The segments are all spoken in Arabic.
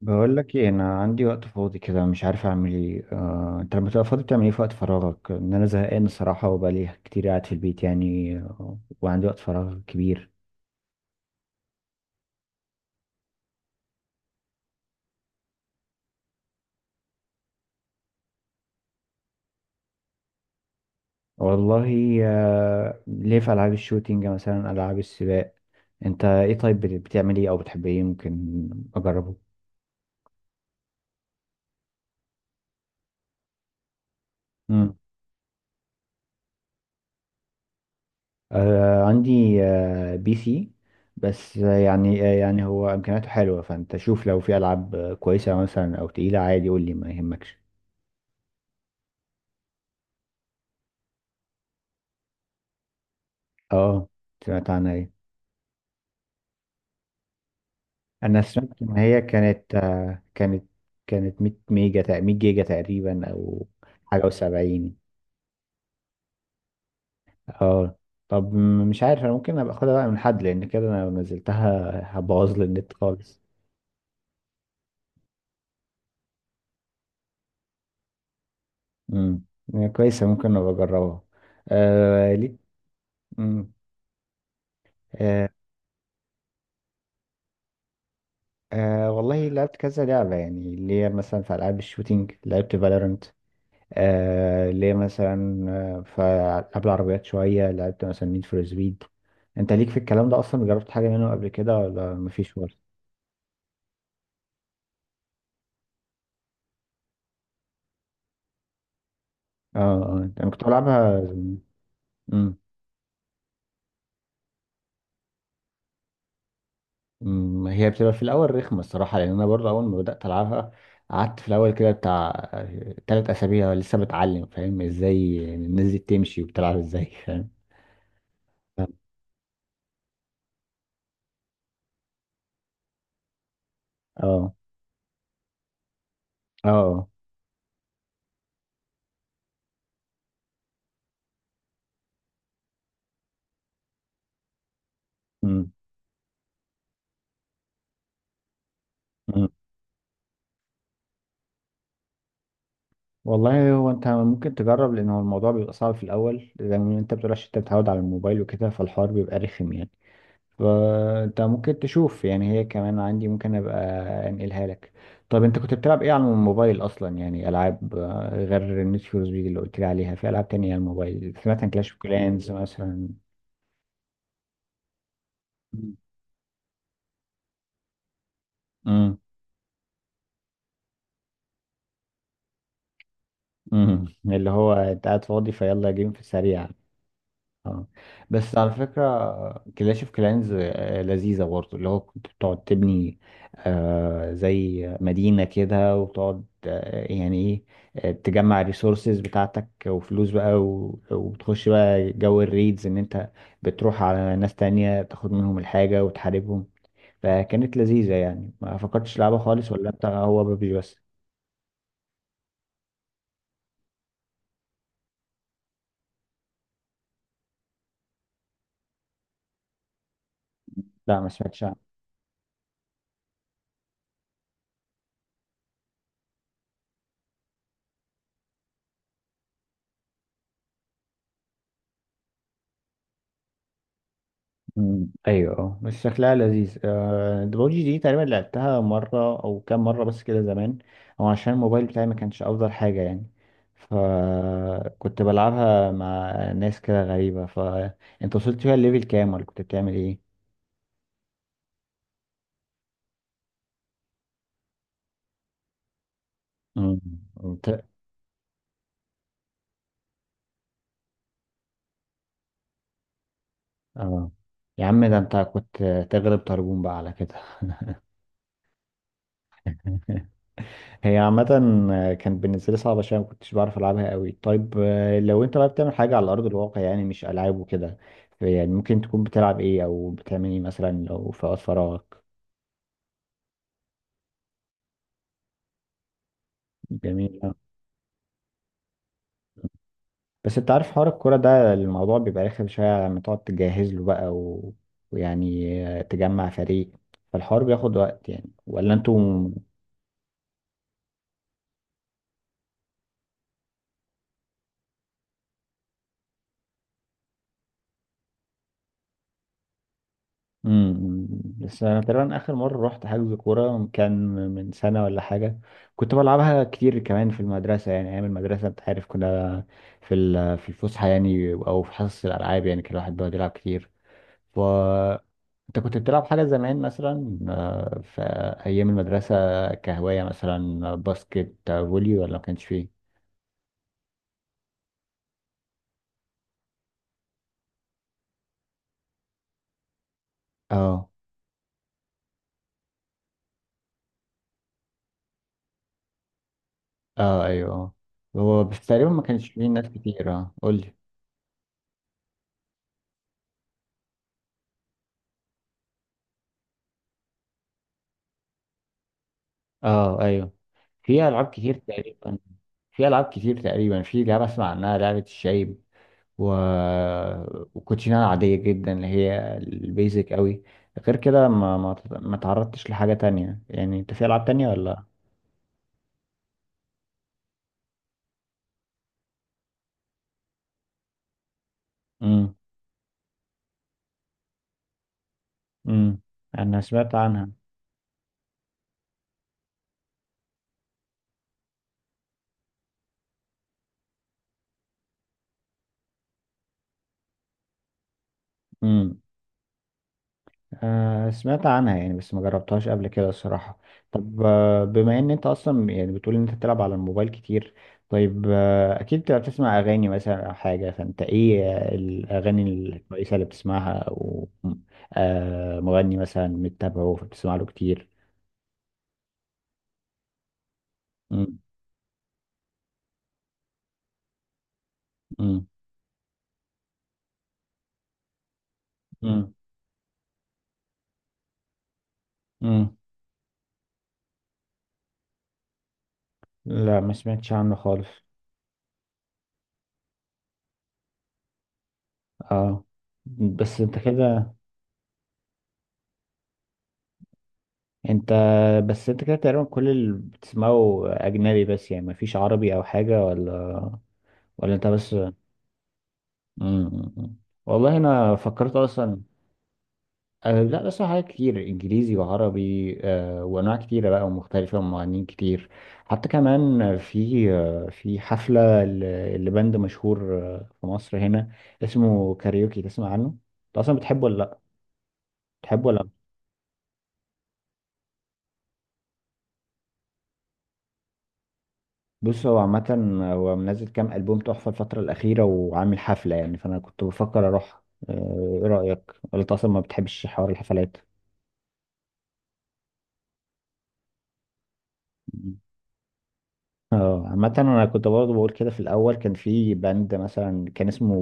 بقول لك ايه، انا عندي وقت فاضي كده مش عارف اعمل ايه. انت لما تبقى فاضي بتعمل ايه في وقت فراغك؟ ان انا زهقان الصراحه، وبقالي كتير قاعد في البيت وعندي وقت فراغ كبير. والله ليه، في العاب الشوتينج مثلا، العاب السباق. انت ايه طيب، بتعمل ايه او بتحب ايه ممكن اجربه؟ مم. عندي، بي سي. بس يعني هو امكانياته حلوه، فانت شوف لو في العاب كويسه مثلا، او تقيله عادي قول لي ما يهمكش. اه سمعت عنها، ايه؟ انا سمعت ان هي كانت آه، كانت كانت 100 ميجا، 100 جيجا تقريبا او حاجه و70. اه، طب، مش عارف، انا ممكن ابقى اخدها بقى من حد، لان كده انا لو نزلتها هبوظ لي النت خالص. امم، كويسه، ممكن ابقى اجربها. آه ليه. امم. آه. آه والله لعبت كذا لعبه يعني، اللي هي مثلا في العاب الشوتينج لعبت فالورنت. آه ليه مثلا. فقبل العربيات شوية لعبت مثلا نيد فور سبيد. انت ليك في الكلام ده اصلا، جربت حاجة منه قبل كده ولا مفيش؟ ولا اه، انا كنت بلعبها. امم. أمم، هي بتبقى في الاول رخمة الصراحة، لان انا برضه اول ما بدأت العبها قعدت في الاول كده بتاع 3 اسابيع لسه بتعلم، فاهم؟ ازاي الناس دي بتمشي وبتلعب ازاي، فاهم؟ اه اه. أمم. أمم. والله هو انت ممكن تجرب، لان هو الموضوع بيبقى صعب في الاول، لان انت بتقول عشان انت متعود على الموبايل وكده، فالحوار بيبقى رخم يعني. فانت ممكن تشوف، يعني هي كمان عندي ممكن ابقى انقلها لك. طب انت كنت بتلعب ايه على الموبايل اصلا؟ يعني العاب غير نيد فور سبيد اللي قلت لي عليها، في العاب تانية على الموبايل؟ سمعت عن كلاش اوف كلانز مثلا؟ امم. امم، اللي هو انت قاعد فاضي فيلا جيم في السريع. اه، بس على فكرة كلاش اوف كلانز لذيذة برضه، اللي هو كنت بتقعد تبني آه زي مدينة كده، وتقعد آه يعني ايه، تجمع الريسورسز بتاعتك وفلوس بقى، وبتخش بقى جو الريدز، ان انت بتروح على ناس تانية تاخد منهم الحاجة وتحاربهم. فكانت لذيذة يعني، ما فكرتش لعبة خالص؟ ولا انت هو ببجي بس؟ لا ما سمعتش. مم. ايوه اه، بس شكلها لذيذ. ببجي دي تقريبا لعبتها مره او كام مره بس كده زمان، او عشان الموبايل بتاعي ما كانش افضل حاجه يعني. فكنت بلعبها مع ناس كده غريبه. فانت وصلت فيها الليفل كام؟ ولا كنت بتعمل ايه؟ مم. انت، اه، يا عم ده انت كنت تغلب طربون بقى على كده هي عامة كانت بالنسبة لي صعبة شوية، ما كنتش بعرف ألعبها قوي. طيب لو أنت بقى بتعمل حاجة على أرض الواقع يعني، مش ألعاب وكده، يعني ممكن تكون بتلعب إيه أو بتعمل إيه مثلا لو في وقت فراغك؟ جميل أوي. بس أنت عارف حوار الكورة ده الموضوع بيبقى رخم شوية، لما تقعد تجهز له بقى و... ويعني تجمع فريق، فالحوار بياخد وقت يعني. ولا أنتوا؟ امم. بس انا تقريبا اخر مره رحت حجز كوره كان من سنه ولا حاجه. كنت بلعبها كتير كمان في المدرسه، يعني ايام المدرسه انت عارف، كنا في في الفسحه يعني، او في حصص الالعاب، يعني كان الواحد بيقعد يلعب كتير. ف، انت كنت بتلعب حاجه زمان مثلا في ايام المدرسه، كهوايه مثلا، باسكت، فولي، ولا ما كانش فيه؟ اه اه ايوه. هو بس تقريبا ما كانش فيه ناس كتير. اه قول لي. اه ايوه، في العاب كتير تقريبا. في العاب كتير تقريبا، في لعبه اسمع عنها لعبه الشايب و... وكوتشينه عاديه جدا اللي هي البيزك قوي. غير كده ما تعرضتش لحاجه تانية يعني، انت في العاب تانية ولا؟ امم. امم. انا سمعت عنها. سمعت عنها يعني، بس ما جربتهاش قبل كده الصراحة. طب بما ان انت اصلا يعني بتقول ان انت بتلعب على الموبايل كتير، طيب اكيد بتبقى بتسمع اغاني مثلا او حاجة، فانت ايه الاغاني الكويسة اللي بتسمعها؟ او مغني مثلا متابعه فبتسمع له كتير؟ مم، مم، مم، مم. لا ما سمعتش عنه خالص. اه، بس انت كده، انت، بس انت كده تقريبا كل اللي بتسمعه اجنبي بس يعني، ما فيش عربي او حاجة؟ ولا ولا انت بس؟ مم. والله انا فكرت اصلا. أه لا، بس حاجات كتير انجليزي وعربي، أه وانواع كتيره بقى ومختلفه ومغنيين كتير. حتى كمان في في حفله لبند مشهور في مصر هنا اسمه كاريوكي، تسمع عنه؟ انت اصلا بتحبه ولا لا؟ بتحبه ولا لا؟ بص هو عامه، هو منزل كام البوم تحفه الفتره الاخيره وعامل حفله يعني، فانا كنت بفكر اروح. ايه رايك؟ ولا انت اصلا ما بتحبش حوار الحفلات؟ اه عامة انا كنت برضه بقول كده في الاول. كان في باند مثلا كان اسمه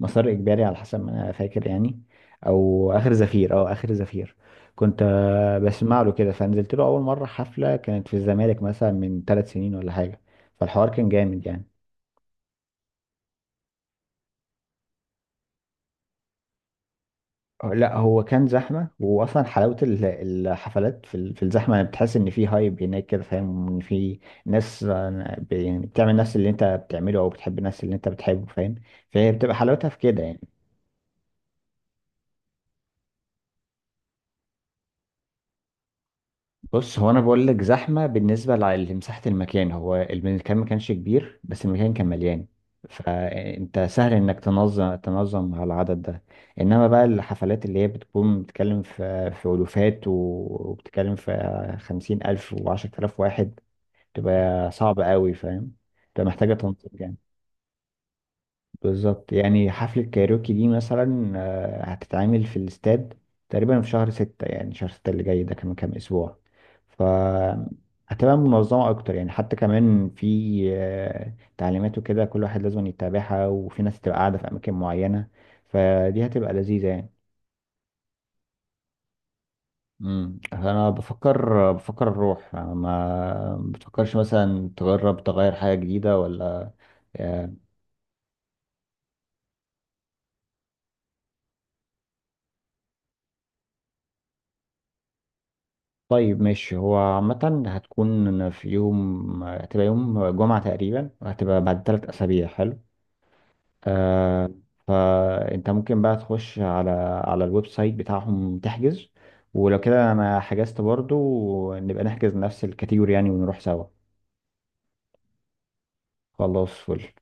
مسار اجباري على حسب ما انا فاكر يعني، او اخر زفير، اه اخر زفير، كنت بسمع له كده، فنزلت له اول مرة حفلة، كانت في الزمالك مثلا من 3 سنين ولا حاجة، فالحوار كان جامد يعني. لا هو كان زحمة، وأصلا حلاوة الحفلات في في الزحمة يعني، بتحس إن في هايب هناك كده، فاهم؟ إن في ناس يعني بتعمل نفس اللي أنت بتعمله، أو بتحب الناس اللي أنت بتحبه، فاهم؟ فهي بتبقى حلاوتها في كده يعني. بص هو انا بقول لك زحمه بالنسبه لمساحه المكان، هو المكان ما كانش كبير بس المكان كان مليان، فانت سهل انك تنظم على العدد ده. انما بقى الحفلات اللي هي بتكون بتتكلم في الوفات وبتتكلم في 50,000 و10,000 واحد، تبقى صعب قوي، فاهم؟ تبقى محتاجه تنظيم يعني. بالظبط، يعني حفلة كايروكي دي مثلا هتتعمل في الاستاد تقريبا في شهر ستة، يعني شهر ستة اللي جاي ده، كمان كام أسبوع ف هتبقى منظمة أكتر يعني. حتى كمان في تعليمات وكده كل واحد لازم يتابعها، وفي ناس تبقى قاعدة في أماكن معينة، فدي هتبقى لذيذة يعني. امم، أنا بفكر أروح. ما بتفكرش مثلا تجرب تغير حاجة جديدة ولا؟ طيب ماشي، هو عامة هتكون في يوم، هتبقى يوم جمعة تقريبا، وهتبقى بعد 3 أسابيع. حلو. آه، فأنت ممكن بقى تخش على على الويب سايت بتاعهم تحجز، ولو كده أنا حجزت برضو نبقى نحجز نفس الكاتيجوري يعني ونروح سوا. خلاص، فل.